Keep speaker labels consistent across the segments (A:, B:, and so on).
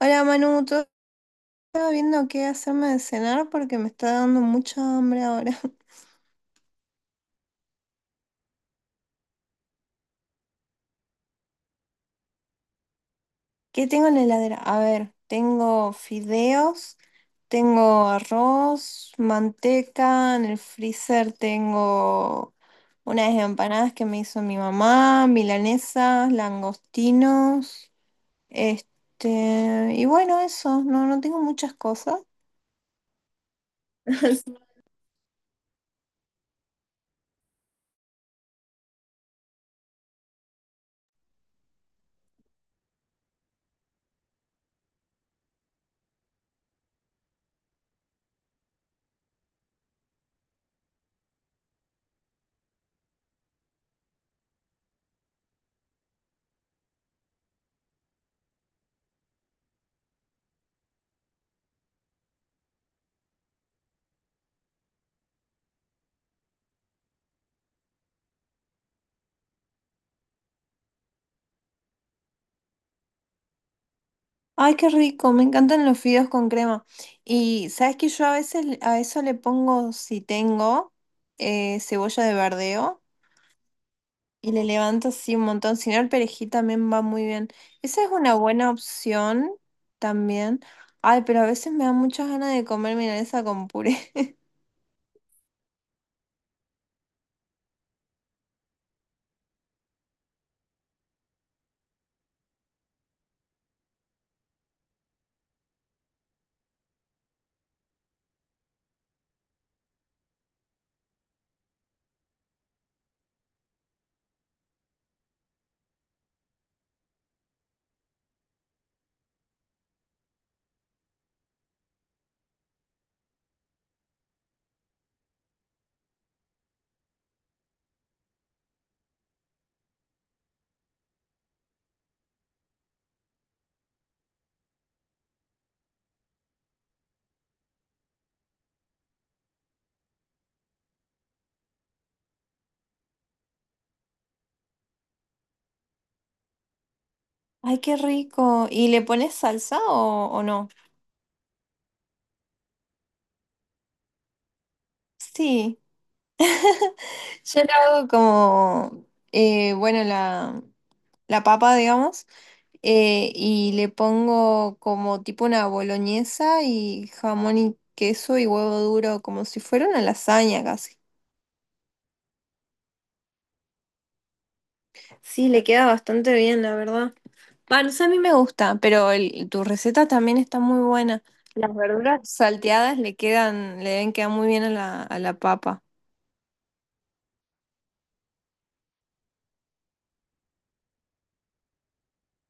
A: Hola Manu, todo. Estaba viendo qué hacerme de cenar porque me está dando mucha hambre ahora. ¿Qué tengo en la heladera? A ver, tengo fideos, tengo arroz, manteca, en el freezer tengo unas empanadas que me hizo mi mamá, milanesas, langostinos, y bueno, eso, no, no tengo muchas cosas. Ay, qué rico, me encantan los fideos con crema. Y sabes que yo a veces a eso le pongo, si tengo, cebolla de verdeo y le levanto así un montón. Si no, el perejil también va muy bien. Esa es una buena opción también. Ay, pero a veces me da muchas ganas de comer milanesa con puré. Ay, qué rico. ¿Y le pones salsa o no? Sí. Yo la hago como, bueno, la papa, digamos. Y le pongo como tipo una boloñesa y jamón y queso y huevo duro, como si fuera una lasaña casi. Sí, le queda bastante bien, la verdad. Va, no a mí me gusta, pero tu receta también está muy buena. Las verduras salteadas le quedan, le deben quedar muy bien a la papa.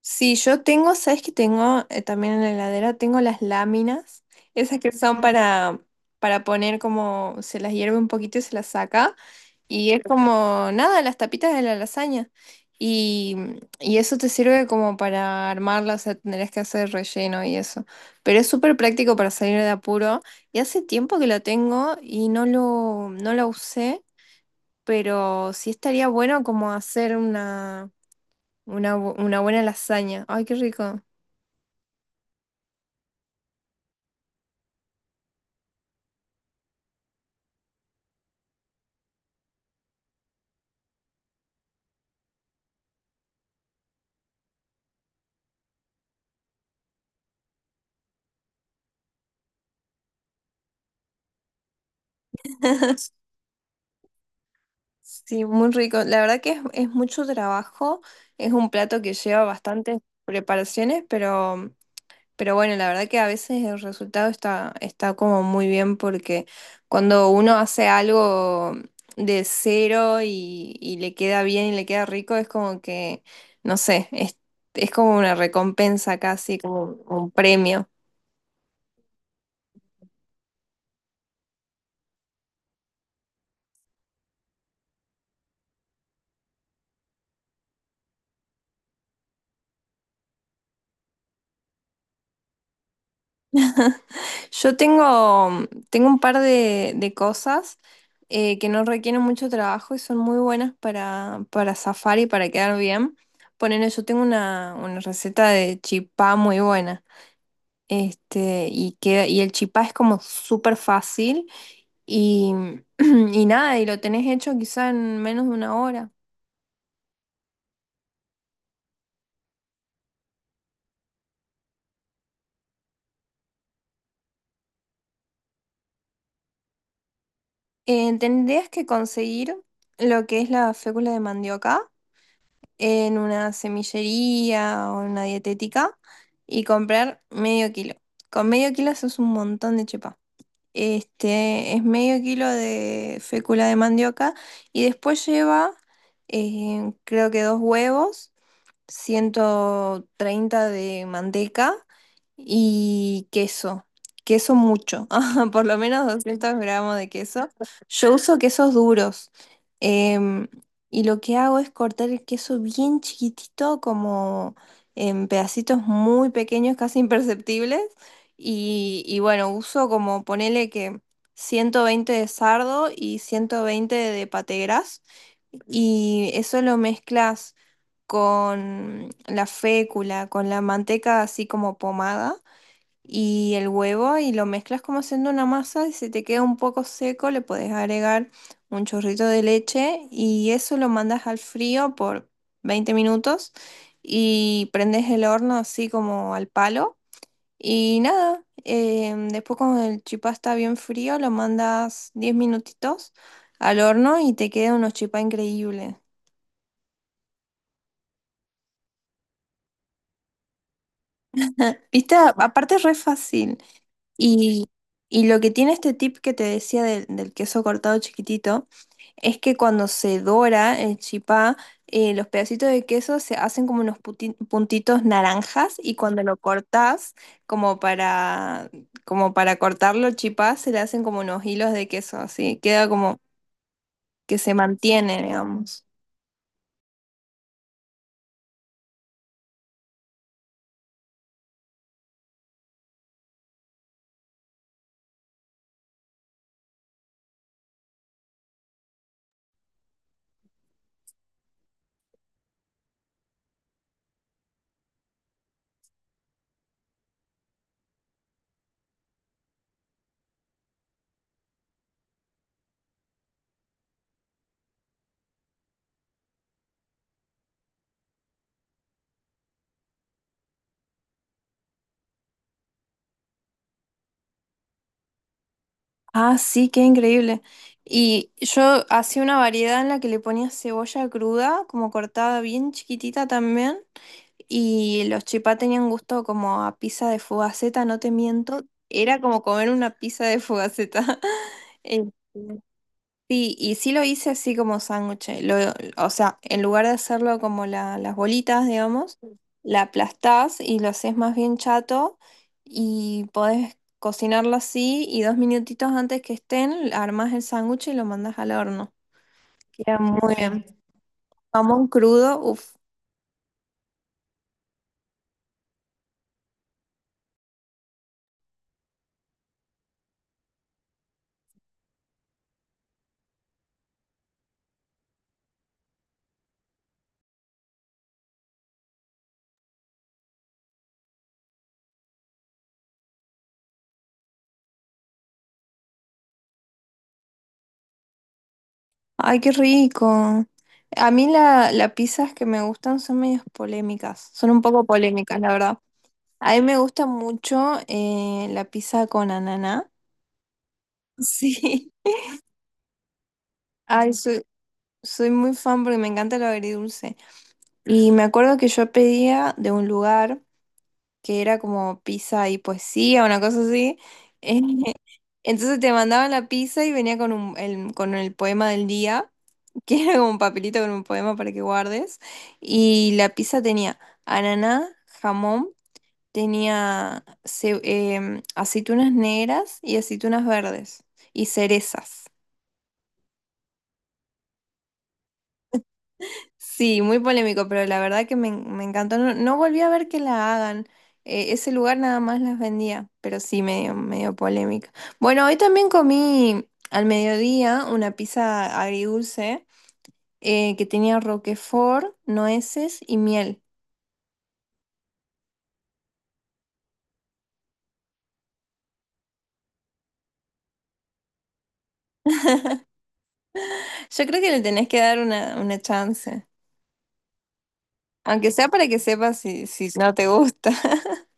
A: Sí, yo tengo, ¿sabes que tengo también en la heladera? Tengo las láminas, esas que son para poner como, se las hierve un poquito y se las saca. Y es como, nada, las tapitas de la lasaña. Y, y eso te sirve como para armarla, o sea, tendrás que hacer relleno y eso. Pero es súper práctico para salir de apuro. Y hace tiempo que la tengo y no lo, no la usé, pero sí estaría bueno como hacer una buena lasaña. Ay, qué rico. Sí, muy rico. La verdad que es mucho trabajo. Es un plato que lleva bastantes preparaciones, pero bueno, la verdad que a veces el resultado está como muy bien porque cuando uno hace algo de cero y le queda bien y le queda rico, es como que, no sé, es como una recompensa casi, como un premio. Yo tengo un par de cosas que no requieren mucho trabajo y son muy buenas para zafar y para quedar bien. Ponele, yo tengo una receta de chipá muy buena. Y el chipá es como súper fácil y, y nada, y lo tenés hecho quizá en menos de una hora. Tendrías que conseguir lo que es la fécula de mandioca en una semillería o en una dietética y comprar medio kilo. Con medio kilo haces un montón de chipá. Es medio kilo de fécula de mandioca y después lleva, creo que dos huevos, 130 de manteca y queso. Queso mucho, por lo menos 200 gramos de queso. Yo uso quesos duros. em, y lo que hago es cortar el queso bien chiquitito, como en pedacitos muy pequeños, casi imperceptibles. Y bueno, uso como ponele que 120 de sardo y 120 de pategras y eso lo mezclas con la fécula, con la manteca así como pomada y el huevo y lo mezclas como haciendo una masa y si te queda un poco seco le puedes agregar un chorrito de leche y eso lo mandas al frío por 20 minutos y prendes el horno así como al palo y nada, después cuando el chipá está bien frío lo mandas 10 minutitos al horno y te queda unos chipá increíbles. Viste, aparte es re fácil. Y, y lo que tiene este tip que te decía del queso cortado chiquitito es que cuando se dora el chipá, los pedacitos de queso se hacen como unos puntitos naranjas y cuando lo cortás, como para, como para cortarlo el chipá, se le hacen como unos hilos de queso, así queda como que se mantiene, digamos. Ah, sí, qué increíble. Y yo hacía una variedad en la que le ponía cebolla cruda, como cortada bien chiquitita también. Y los chipá tenían gusto como a pizza de fugaceta, no te miento. Era como comer una pizza de fugaceta. Eh, Sí, y sí lo hice así como sándwich. O sea, en lugar de hacerlo como las bolitas, digamos, la aplastás y lo haces más bien chato y podés cocinarlo así y 2 minutitos antes que estén, armás el sándwich y lo mandás al horno. Queda muy bien. Jamón crudo, uff. Ay, qué rico. A mí las pizzas que me gustan son medias polémicas. Son un poco polémicas, la verdad. A mí me gusta mucho la pizza con ananá. Sí. Ay, soy muy fan porque me encanta lo agridulce. Y me acuerdo que yo pedía de un lugar que era como pizza y poesía, una cosa así. eh, Entonces te mandaban la pizza y venía con con el poema del día, que era como un papelito con un poema para que guardes. Y la pizza tenía ananá, jamón, tenía aceitunas negras y aceitunas verdes y cerezas. Sí, muy polémico, pero la verdad que me encantó. No, no volví a ver que la hagan. Ese lugar nada más las vendía, pero sí, medio, medio polémica. Bueno, hoy también comí al mediodía una pizza agridulce que tenía roquefort, nueces y miel. Yo creo que le tenés que dar una chance, aunque sea para que sepas si no te gusta.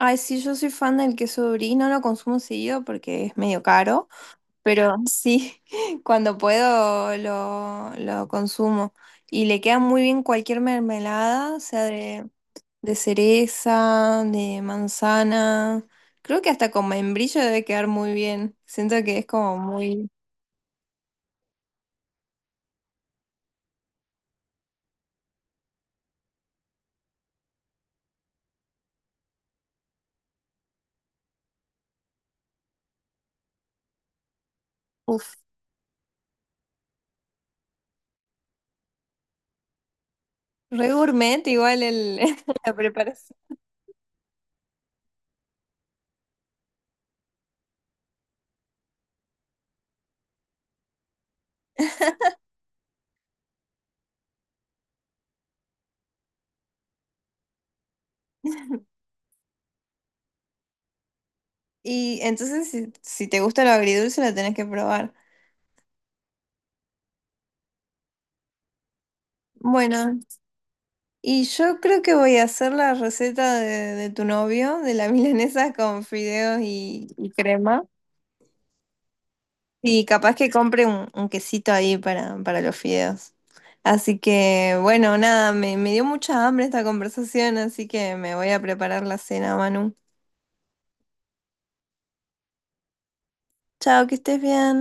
A: Ay, sí, yo soy fan del queso brie, no lo consumo seguido porque es medio caro. Pero sí, cuando puedo lo consumo. Y le queda muy bien cualquier mermelada, o sea, de cereza, de manzana. Creo que hasta con membrillo debe quedar muy bien. Siento que es como muy, uf, re gourmet igual la preparación. Y entonces, si te gusta lo agridulce, lo tenés que probar. Bueno, y yo creo que voy a hacer la receta de tu novio, de la milanesa con fideos y crema. Y capaz que compre un quesito ahí para los fideos. Así que, bueno, nada, me dio mucha hambre esta conversación, así que me voy a preparar la cena, Manu. Chao, que estés bien.